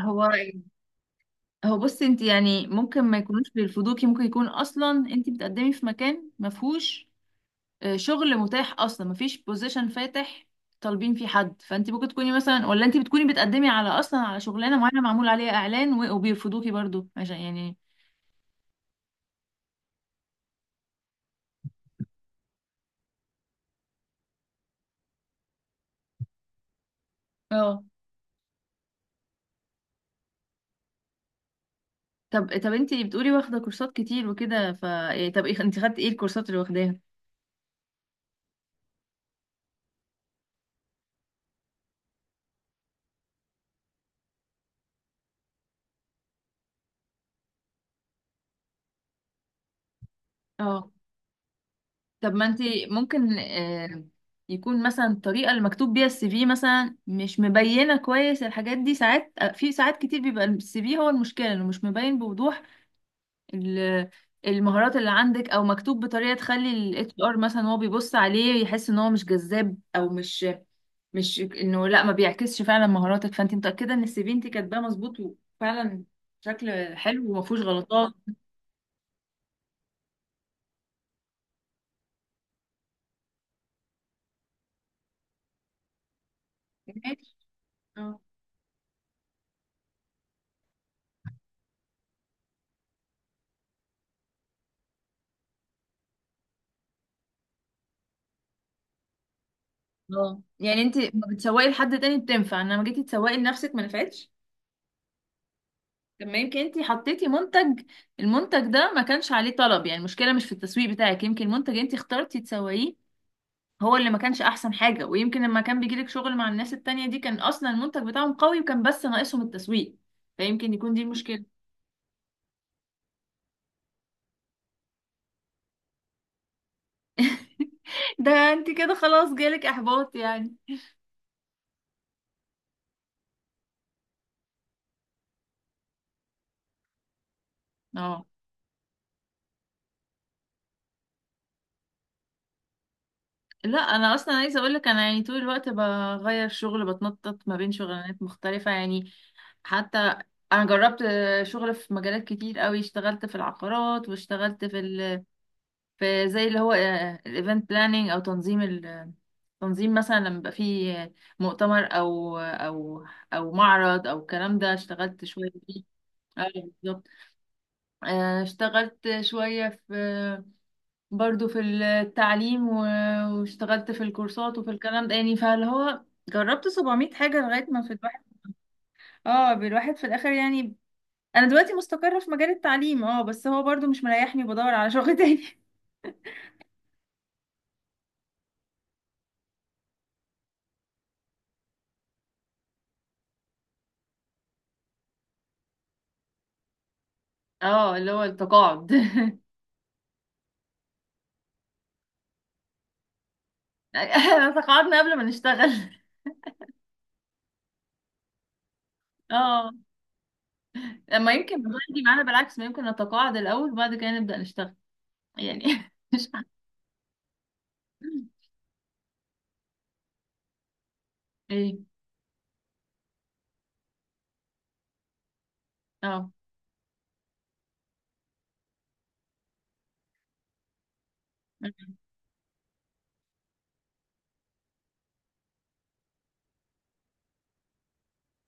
هو هو بصي، انت يعني ممكن ما يكونوش بيرفضوكي، ممكن يكون اصلا انت بتقدمي في مكان ما فيهوش شغل متاح اصلا. ما فيش بوزيشن فاتح طالبين فيه حد، فانت ممكن تكوني مثلا، ولا انت بتكوني بتقدمي على اصلا على شغلانه معينه معمول عليها اعلان و- وبيرفضوكي برضو عشان يعني. اه طب، انت بتقولي واخده كورسات كتير وكده، ف إيه، انت خدتي ايه الكورسات اللي واخداها؟ اه طب ما انت ممكن يكون مثلا الطريقه اللي مكتوب بيها السي في مثلا مش مبينه كويس الحاجات دي. ساعات في ساعات كتير بيبقى السي في هو المشكله انه مش مبين بوضوح ال- المهارات اللي عندك، او مكتوب بطريقه تخلي الاتش ار مثلا هو بيبص عليه يحس ان هو مش جذاب، او مش، انه لا، ما بيعكسش فعلا مهاراتك. فانت متاكده ان السي في انت كاتباه مظبوط، وفعلا شكل حلو وما فيهوش غلطات؟ ماشي. اه يعني انت ما بتسوقي لحد تاني بتنفع، انما جيتي تسوقي لنفسك ما نفعتش. طب ما يمكن انت حطيتي منتج، المنتج ده ما كانش عليه طلب يعني، المشكله مش في التسويق بتاعك، يمكن المنتج انت اخترتي تسوقيه هو اللي ما كانش احسن حاجه. ويمكن لما كان بيجيلك شغل مع الناس التانية دي كان اصلا المنتج بتاعهم قوي، وكان بس ناقصهم التسويق، فيمكن يكون دي المشكله. ده انت كده خلاص جالك احباط يعني؟ اه، لا انا اصلا عايزه اقول لك، انا يعني طول الوقت بغير شغل، بتنطط ما بين شغلانات مختلفه يعني. حتى انا جربت شغل في مجالات كتير قوي، اشتغلت في العقارات، واشتغلت في زي اللي هو الايفنت بلاننج، او تنظيم تنظيم مثلا لما يبقى فيه مؤتمر او معرض او الكلام ده، اشتغلت شويه فيه. اه، بالظبط. اشتغلت شويه في برضو في التعليم و- واشتغلت في الكورسات وفي الكلام ده يعني، فاللي هو جربت 700 حاجة لغاية ما في الواحد. اه، بالواحد في الآخر يعني. أنا دلوقتي مستقرة في مجال التعليم، بس هو برضو مش مريحني وبدور على شغل تاني. اه، اللي هو التقاعد. احنا تقاعدنا قبل ما نشتغل. اه، ما يمكن الموضوع يجي معانا بالعكس، ما يمكن نتقاعد الأول وبعد كده نبدأ نشتغل يعني. مش عارفة. ايه. اه،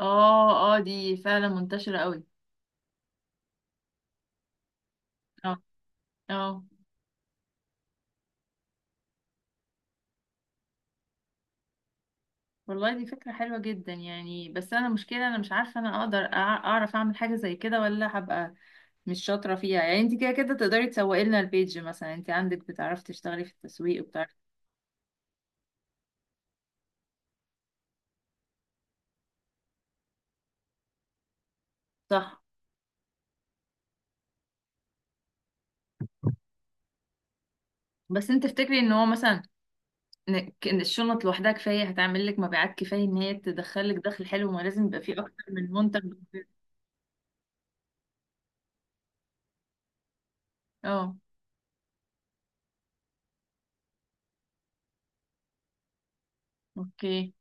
اه، اه، دي فعلا منتشرة قوي. اه. اه والله دي فكرة حلوة جدا يعني، بس أنا مشكلة أنا مش عارفة أنا أقدر أع- أعرف أعمل حاجة زي كده، ولا هبقى مش شاطرة فيها يعني. أنت كده كده تقدري تسوقي لنا البيج مثلا، أنت عندك بتعرفي تشتغلي في التسويق وبتعرفي. صح. بس أنت تفتكري إن هو مثلا إن الشنط لوحدها كفاية هتعمل لك مبيعات، كفاية إن هي تدخلك دخل حلو؟ ما لازم يبقى فيه أكتر من منتج. أه. أوكي،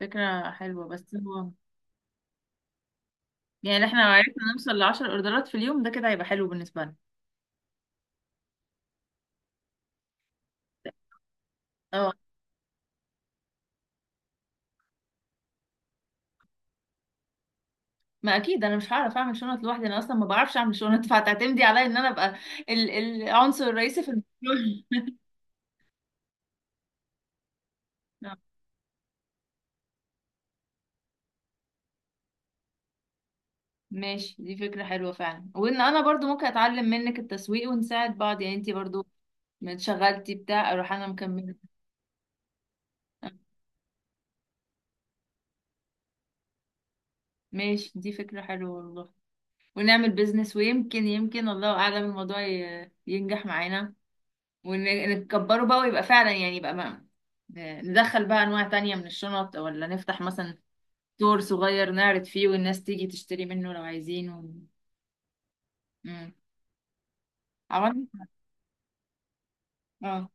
فكرة حلوة، بس هو يعني احنا لو عرفنا نوصل لعشر أوردرات في اليوم، ده كده هيبقى حلو بالنسبة لنا. اه، ما اكيد انا مش هعرف اعمل شنط لوحدي، انا اصلا ما بعرفش اعمل شنط، فهتعتمدي عليا ان انا ابقى العنصر الرئيسي في المشروع. آه، ماشي، دي فكرة حلوة فعلا، وان انا برضو ممكن اتعلم منك التسويق ونساعد بعض يعني، انتي برضو ما اتشغلتي بتاع اروح انا مكملة. آه، ماشي، دي فكرة حلوة والله، ونعمل بيزنس، ويمكن يمكن الله اعلم الموضوع ي- ينجح معانا، ونكبره بقى، ويبقى فعلا يعني، يبقى ما ندخل بقى انواع تانية من الشنط، ولا نفتح مثلا دور صغير نعرض فيه والناس تيجي تشتري منه لو عايزين مم. عملنا. اه.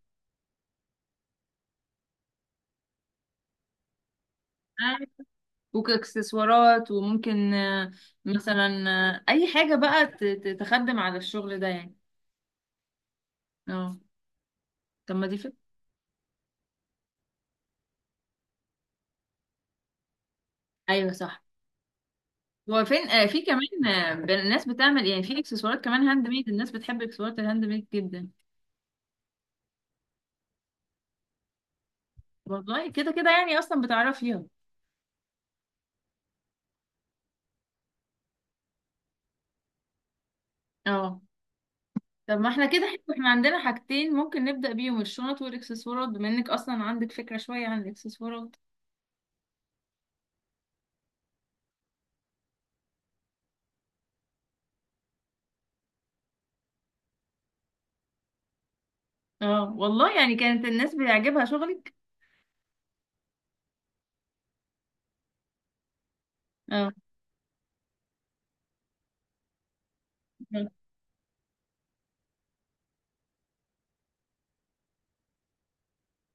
وكاكسسوارات، وممكن مثلا اي حاجة بقى تخدم على الشغل ده يعني. اه، طب ما دي فكرة. ايوه صح. هو فين في كمان الناس بتعمل يعني في اكسسوارات كمان هاند ميد، الناس بتحب اكسسوارات الهاند ميد جدا. والله كده كده يعني اصلا بتعرفيها. اه، طب ما احنا كده حلو، احنا عندنا حاجتين ممكن نبدأ بيهم، الشنط والاكسسوارات، بما انك اصلا عندك فكرة شوية عن الاكسسوارات. اه والله يعني كانت الناس بيعجبها شغلك. اه. آه.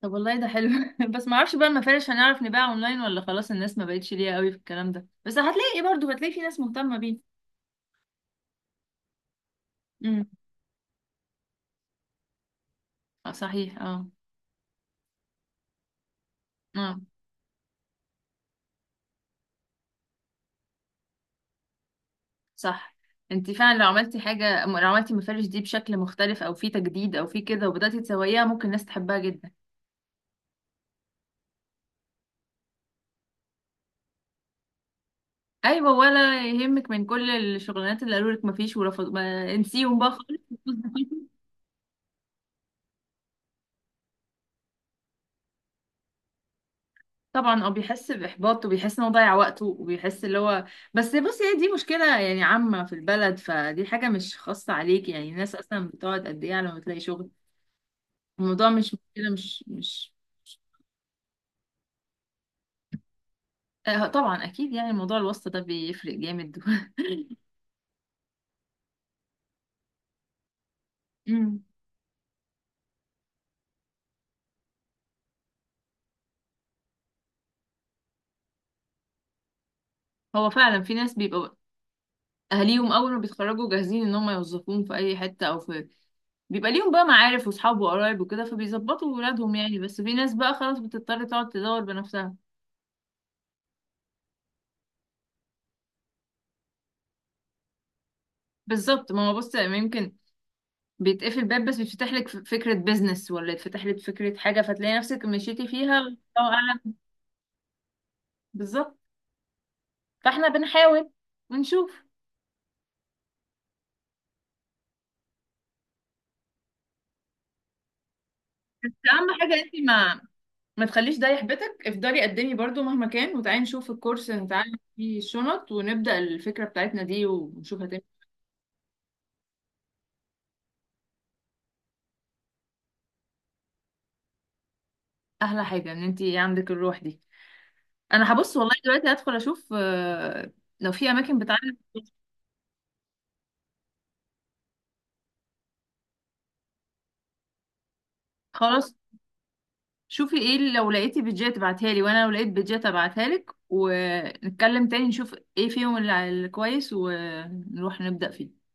طب والله ده حلو. بس ما اعرفش بقى المفارش هنعرف نبيع اونلاين، ولا خلاص الناس ما بقتش ليها قوي في الكلام ده؟ بس هتلاقي ايه برضه، هتلاقي في ناس مهتمة بيه. امم. آه صحيح. اه، اه صح، انت فعلا لو عملتي حاجة، لو عملتي المفارش دي بشكل مختلف او في تجديد او في كده وبدأتي تسويها، ممكن الناس تحبها جدا. ايوه، ولا يهمك من كل الشغلانات اللي قالوا لك ما فيش ورفض، ما انسيهم بقى خالص. طبعا، بيحس باحباط، وبيحس ان هو ضيع وقته، وبيحس اللي هو، بس بصي، هي دي مشكله يعني عامه في البلد، فدي حاجه مش خاصه عليك يعني. الناس اصلا بتقعد قد ايه على ما تلاقي شغل؟ الموضوع مش مشكله مش. طبعا اكيد يعني، موضوع الواسطه ده بيفرق جامد. أمم. هو فعلا في ناس بيبقى اهاليهم اول ما بيتخرجوا جاهزين ان هم يوظفوهم في اي حته، او في بيبقى ليهم بقى معارف واصحاب وقرايب وكده، فبيظبطوا ولادهم يعني، بس في ناس بقى خلاص بتضطر تقعد تدور بنفسها. بالظبط، ما هو بص يا إيمان، يمكن بيتقفل باب بس بيتفتح لك ف- فكرة بيزنس، ولا يتفتح لك فكرة حاجة فتلاقي نفسك مشيتي فيها. الله أعلم. بالظبط. فاحنا بنحاول ونشوف، بس أهم حاجة انت ما تخليش ده يحبطك، افضلي قدمي برضو مهما كان، وتعالي نشوف الكورس هنتعلم فيه الشنط ونبدأ الفكرة بتاعتنا دي ونشوف هتعمل إيه. أحلى حاجة إن انت عندك الروح دي. أنا هبص والله دلوقتي هدخل أشوف لو في أماكن بتعلم. خلاص، شوفي ايه اللي لو لقيتي بيدجات ابعتها لي، وانا لو لقيت بيدجات ابعتها لك، ونتكلم تاني نشوف ايه فيهم اللي الكويس، ونروح نبدأ فيه.